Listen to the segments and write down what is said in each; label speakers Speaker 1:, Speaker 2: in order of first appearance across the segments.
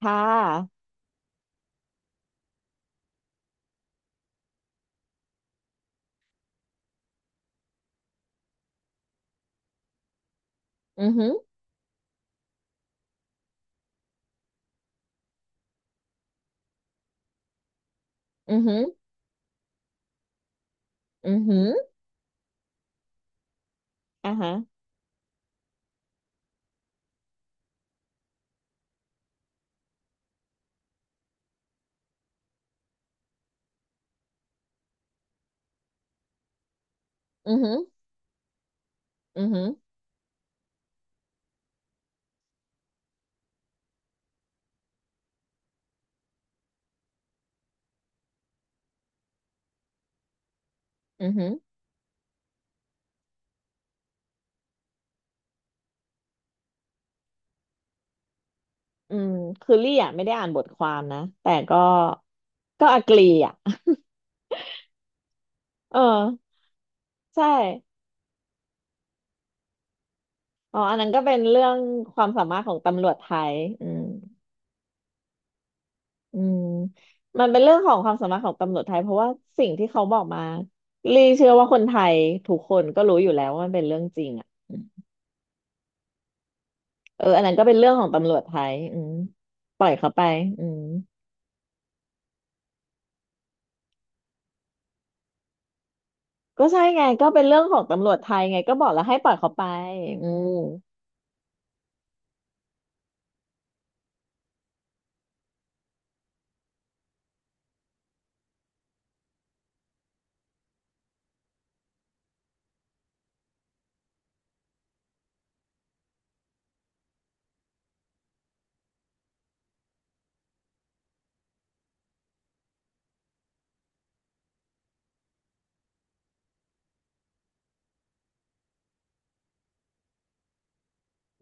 Speaker 1: ค่ะอือหืออือหืออือหืออ่าฮะอือหืออือหืออือหืออืมคือลี่อ่ะไม่ได้อ่านบทความนะแต่ก็ก็อกลีอ่ะ เออใช่อ๋ออันนั้นก็เป็นเรื่องความสามารถของตำรวจไทยอืมอืมมันเป็นเรื่องของความสามารถของตำรวจไทยเพราะว่าสิ่งที่เขาบอกมาลี่เชื่อว่าคนไทยทุกคนก็รู้อยู่แล้วว่ามันเป็นเรื่องจริงอ่ะอืมเอออันนั้นก็เป็นเรื่องของตำรวจไทยอืมปล่อยเขาไปอืม ก็ใช่ไงก็เป็นเรื่องของตำรวจไทยไงก็บอกแล้วให้ปล่อยเขาไปอืม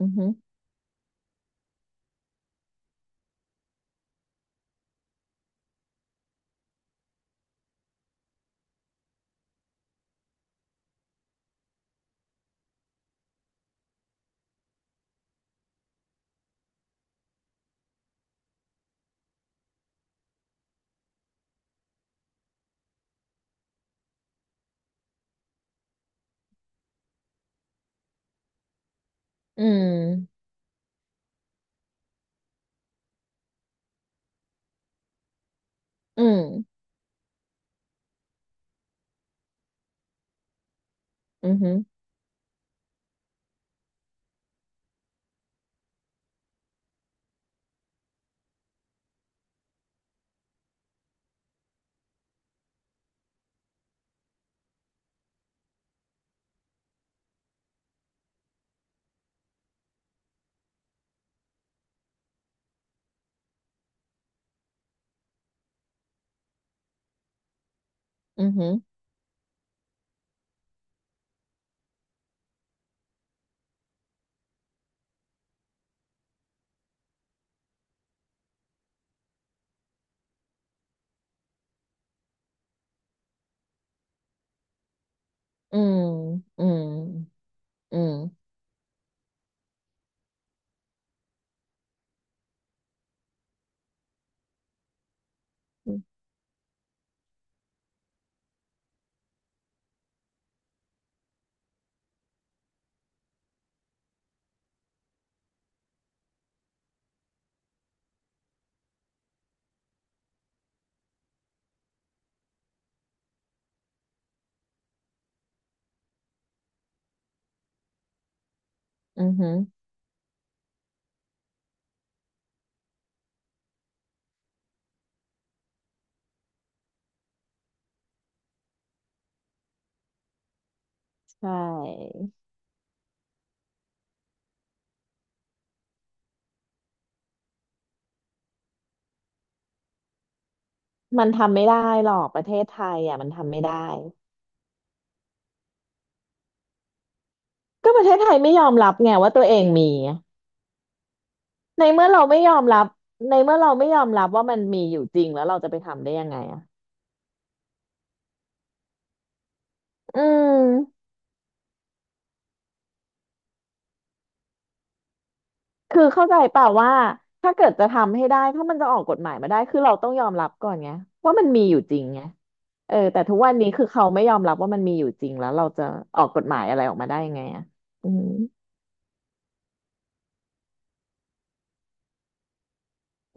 Speaker 1: อือหืออืมอืมอือหืออือหืออืมอืมอืมอือหือใช่มันทำไม่ได้หรอกประเทศไทยอ่ะมันทำไม่ได้ก็ประเทศไทยไม่ยอมรับไงว่าตัวเองมีในเมื่อเราไม่ยอมรับในเมื่อเราไม่ยอมรับว่ามันมีอยู่จริงแล้วเราจะไปทำได้ยังไงอ่ะอืม คือเข้าใจเปล่าว่าถ้าเกิดจะทำให้ได้ถ้ามันจะออกกฎหมายมาได้คือเราต้องยอมรับก่อนไงว่ามันมีอยู่จริงไงเออแต่ทุกวันนี้คือเขาไม่ยอมรับว่ามันมีอยู่จริงแล้วเราจะออกกฎหมายอะไรออกมาได้ยังไงอ่ะอืม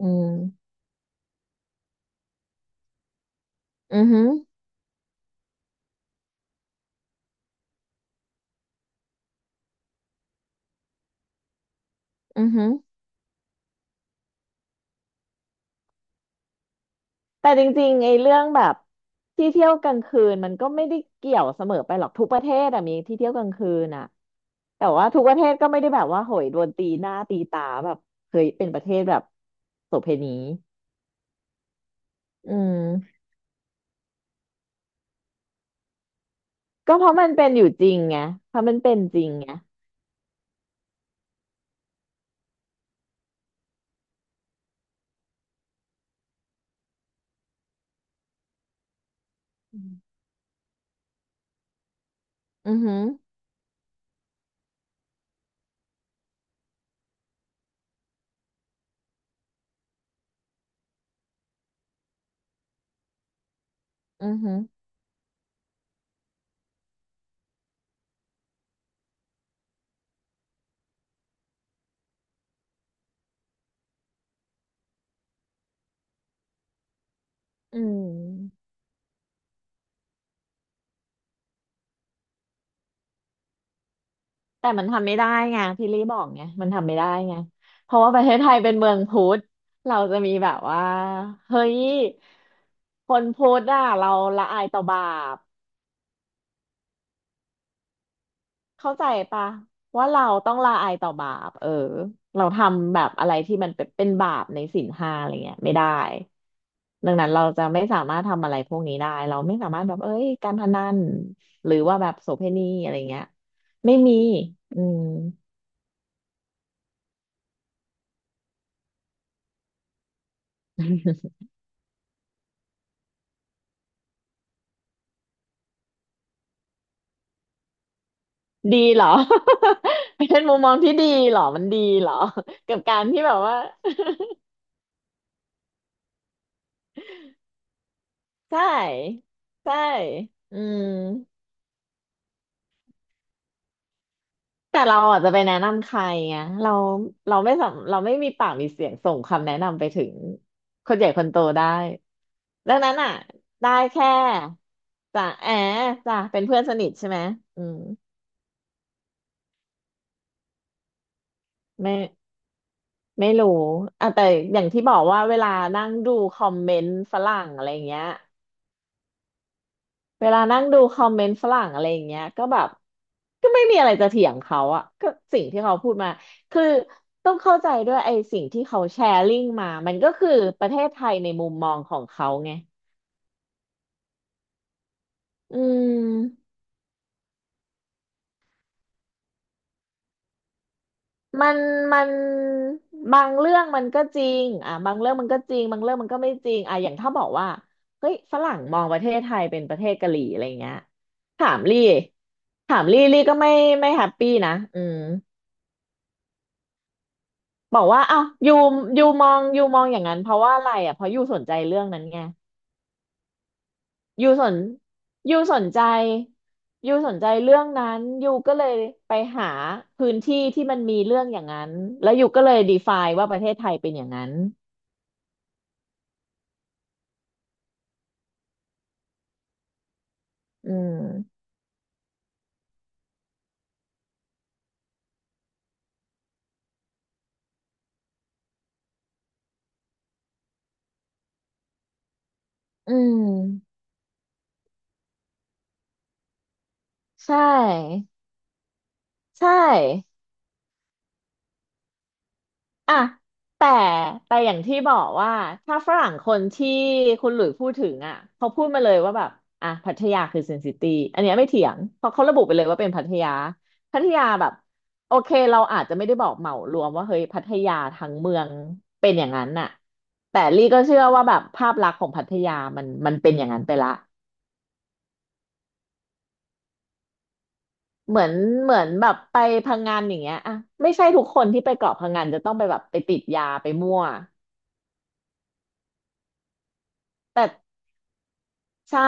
Speaker 1: อืมอือหืออือหือแต่จริงๆไอ้เรื่องแบบที่เที่ยวกลางคืนมันก็ไม่ได้เกี่ยวเสมอไปหรอกทุกประเทศอะมีที่เที่ยวกลางคืนอะแต่ว่าทุกประเทศก็ไม่ได้แบบว่าโหยโดนตีหน้าตีตาแบบเคยเป็นประเทศแบบโสเภณีอืม ก็เพราะมันเป็นอยู่จริงไงเพราะมันเป็นจริงไงอืมอือหืออือหืออืมแต่มันทำไม่ได้ไงพี่ลี่บอกไงมันทำไม่ได้ไงเพราะว่าประเทศไทยเป็นเมืองพุทธเราจะมีแบบว่าเฮ้ยคนพุทธอ่ะเราละอายต่อบาป เข้าใจปะว่าเราต้องละอายต่อบาปเออเราทำแบบอะไรที่มันเป็นบาปในศีลห้าอะไรเงี้ยไม่ได้ดังนั้นเราจะไม่สามารถทำอะไรพวกนี้ได้เราไม่สามารถแบบเอ้ยการพนันหรือว่าแบบโสเภณีอะไรเงี้ยไม่มีอืม ดีเหรอ เป็นมุมมองที่ดีเหรอมันดีเหรอกับการที่แบบว่า ใช่ใช่อืม แต่เราอาจจะไปแนะนำใครไงเราเราไม่สำเราไม่มีปากมีเสียงส่งคำแนะนำไปถึงคนใหญ่คนโตได้ดังนั้นอ่ะได้แค่จ่าแอจ่าเป็นเพื่อนสนิทใช่ไหมอืมไม่ไม่รู้อ่ะแต่อย่างที่บอกว่าเวลานั่งดูคอมเมนต์ฝรั่งอะไรเงี้ย เวลานั่งดูคอมเมนต์ฝรั่งอะไรอย่างเงี้ยก็แบบก็ไม่มีอะไรจะเถียงเขาอะก็สิ่งที่เขาพูดมาคือต้องเข้าใจด้วยไอ้สิ่งที่เขาแชร์ลิงก์มามันก็คือประเทศไทยในมุมมองของเขาไงอืมมันมันบางเรื่องมันก็จริงอ่ะบางเรื่องมันก็จริงบางเรื่องมันก็ไม่จริงอ่ะอย่างถ้าบอกว่าเฮ้ยฝรั่งมองประเทศไทยเป็นประเทศกะหรี่อะไรเงี้ยถามลี่ถามลี่ลี่ก็ไม่แฮปปี้นะอืม บอกว่าอ้าวยูยูมองอย่างนั้นเพราะว่าอะไรอ่ะเพราะยูสนใจเรื่องนั้นไงยูสนยูสนใจยูสนใจเรื่องนั้นยูก็เลยไปหาพื้นที่ที่มันมีเรื่องอย่างนั้นแล้วยูก็เลย define ว่าประเทศไทยเป็นอย่างนั้นอืมอืมใช่ใช่ อ่ะแต่แต่อย่างที่บอกว่าถ้าฝรั่งคนที่คุณหลุยพูดถึงอ่ะเขาพูดมาเลยว่าแบบอ่ะพัทยาคือเซนซิตี้อันเนี้ยไม่เถียงเพราะเขาระบุไปเลยว่าเป็นพัทยาพัทยาแบบโอเคเราอาจจะไม่ได้บอกเหมารวมว่าเฮ้ยพัทยาทั้งเมืองเป็นอย่างนั้นน่ะแต่ลี่ก็เชื่อว่าแบบภาพลักษณ์ของพัทยามันเป็นอย่างนั้นไปละเหมือนเหมือนแบบไปพังงานอย่างเงี้ยอ่ะไม่ใช่ทุกคนที่ไปเกาะพังงานจะต้องไปแบบไปติดยาไปมั่วแต่ ใช่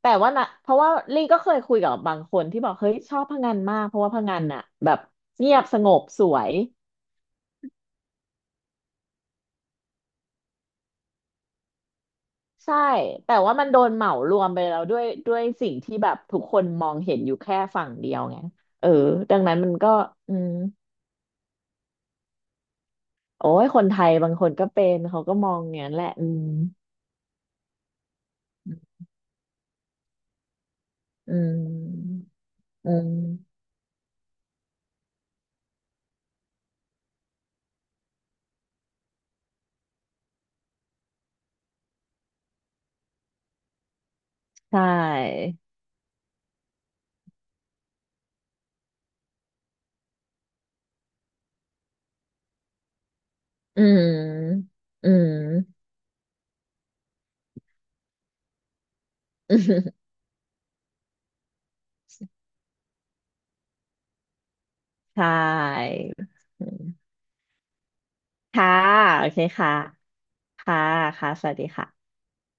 Speaker 1: แต่ว่านะเพราะว่าลี่ก็เคยคุยกับบางคนที่บอกเฮ้ยชอบพังงานมากเพราะว่าพังงานน่ะแบบเงียบสงบสวยใช่แต่ว่ามันโดนเหมารวมไปแล้วด้วยสิ่งที่แบบทุกคนมองเห็นอยู่แค่ฝั่งเดียวไงเออดังนั้นมันก็อืมโอ้ยคนไทยบางคนก็เป็นเขาก็มองอย่างนั้นแหละอืมอืมอืมใช่อืมอืม ใช่ค่ะโอเคค่ะ ค่ะค่ะสวัสดีค่ะ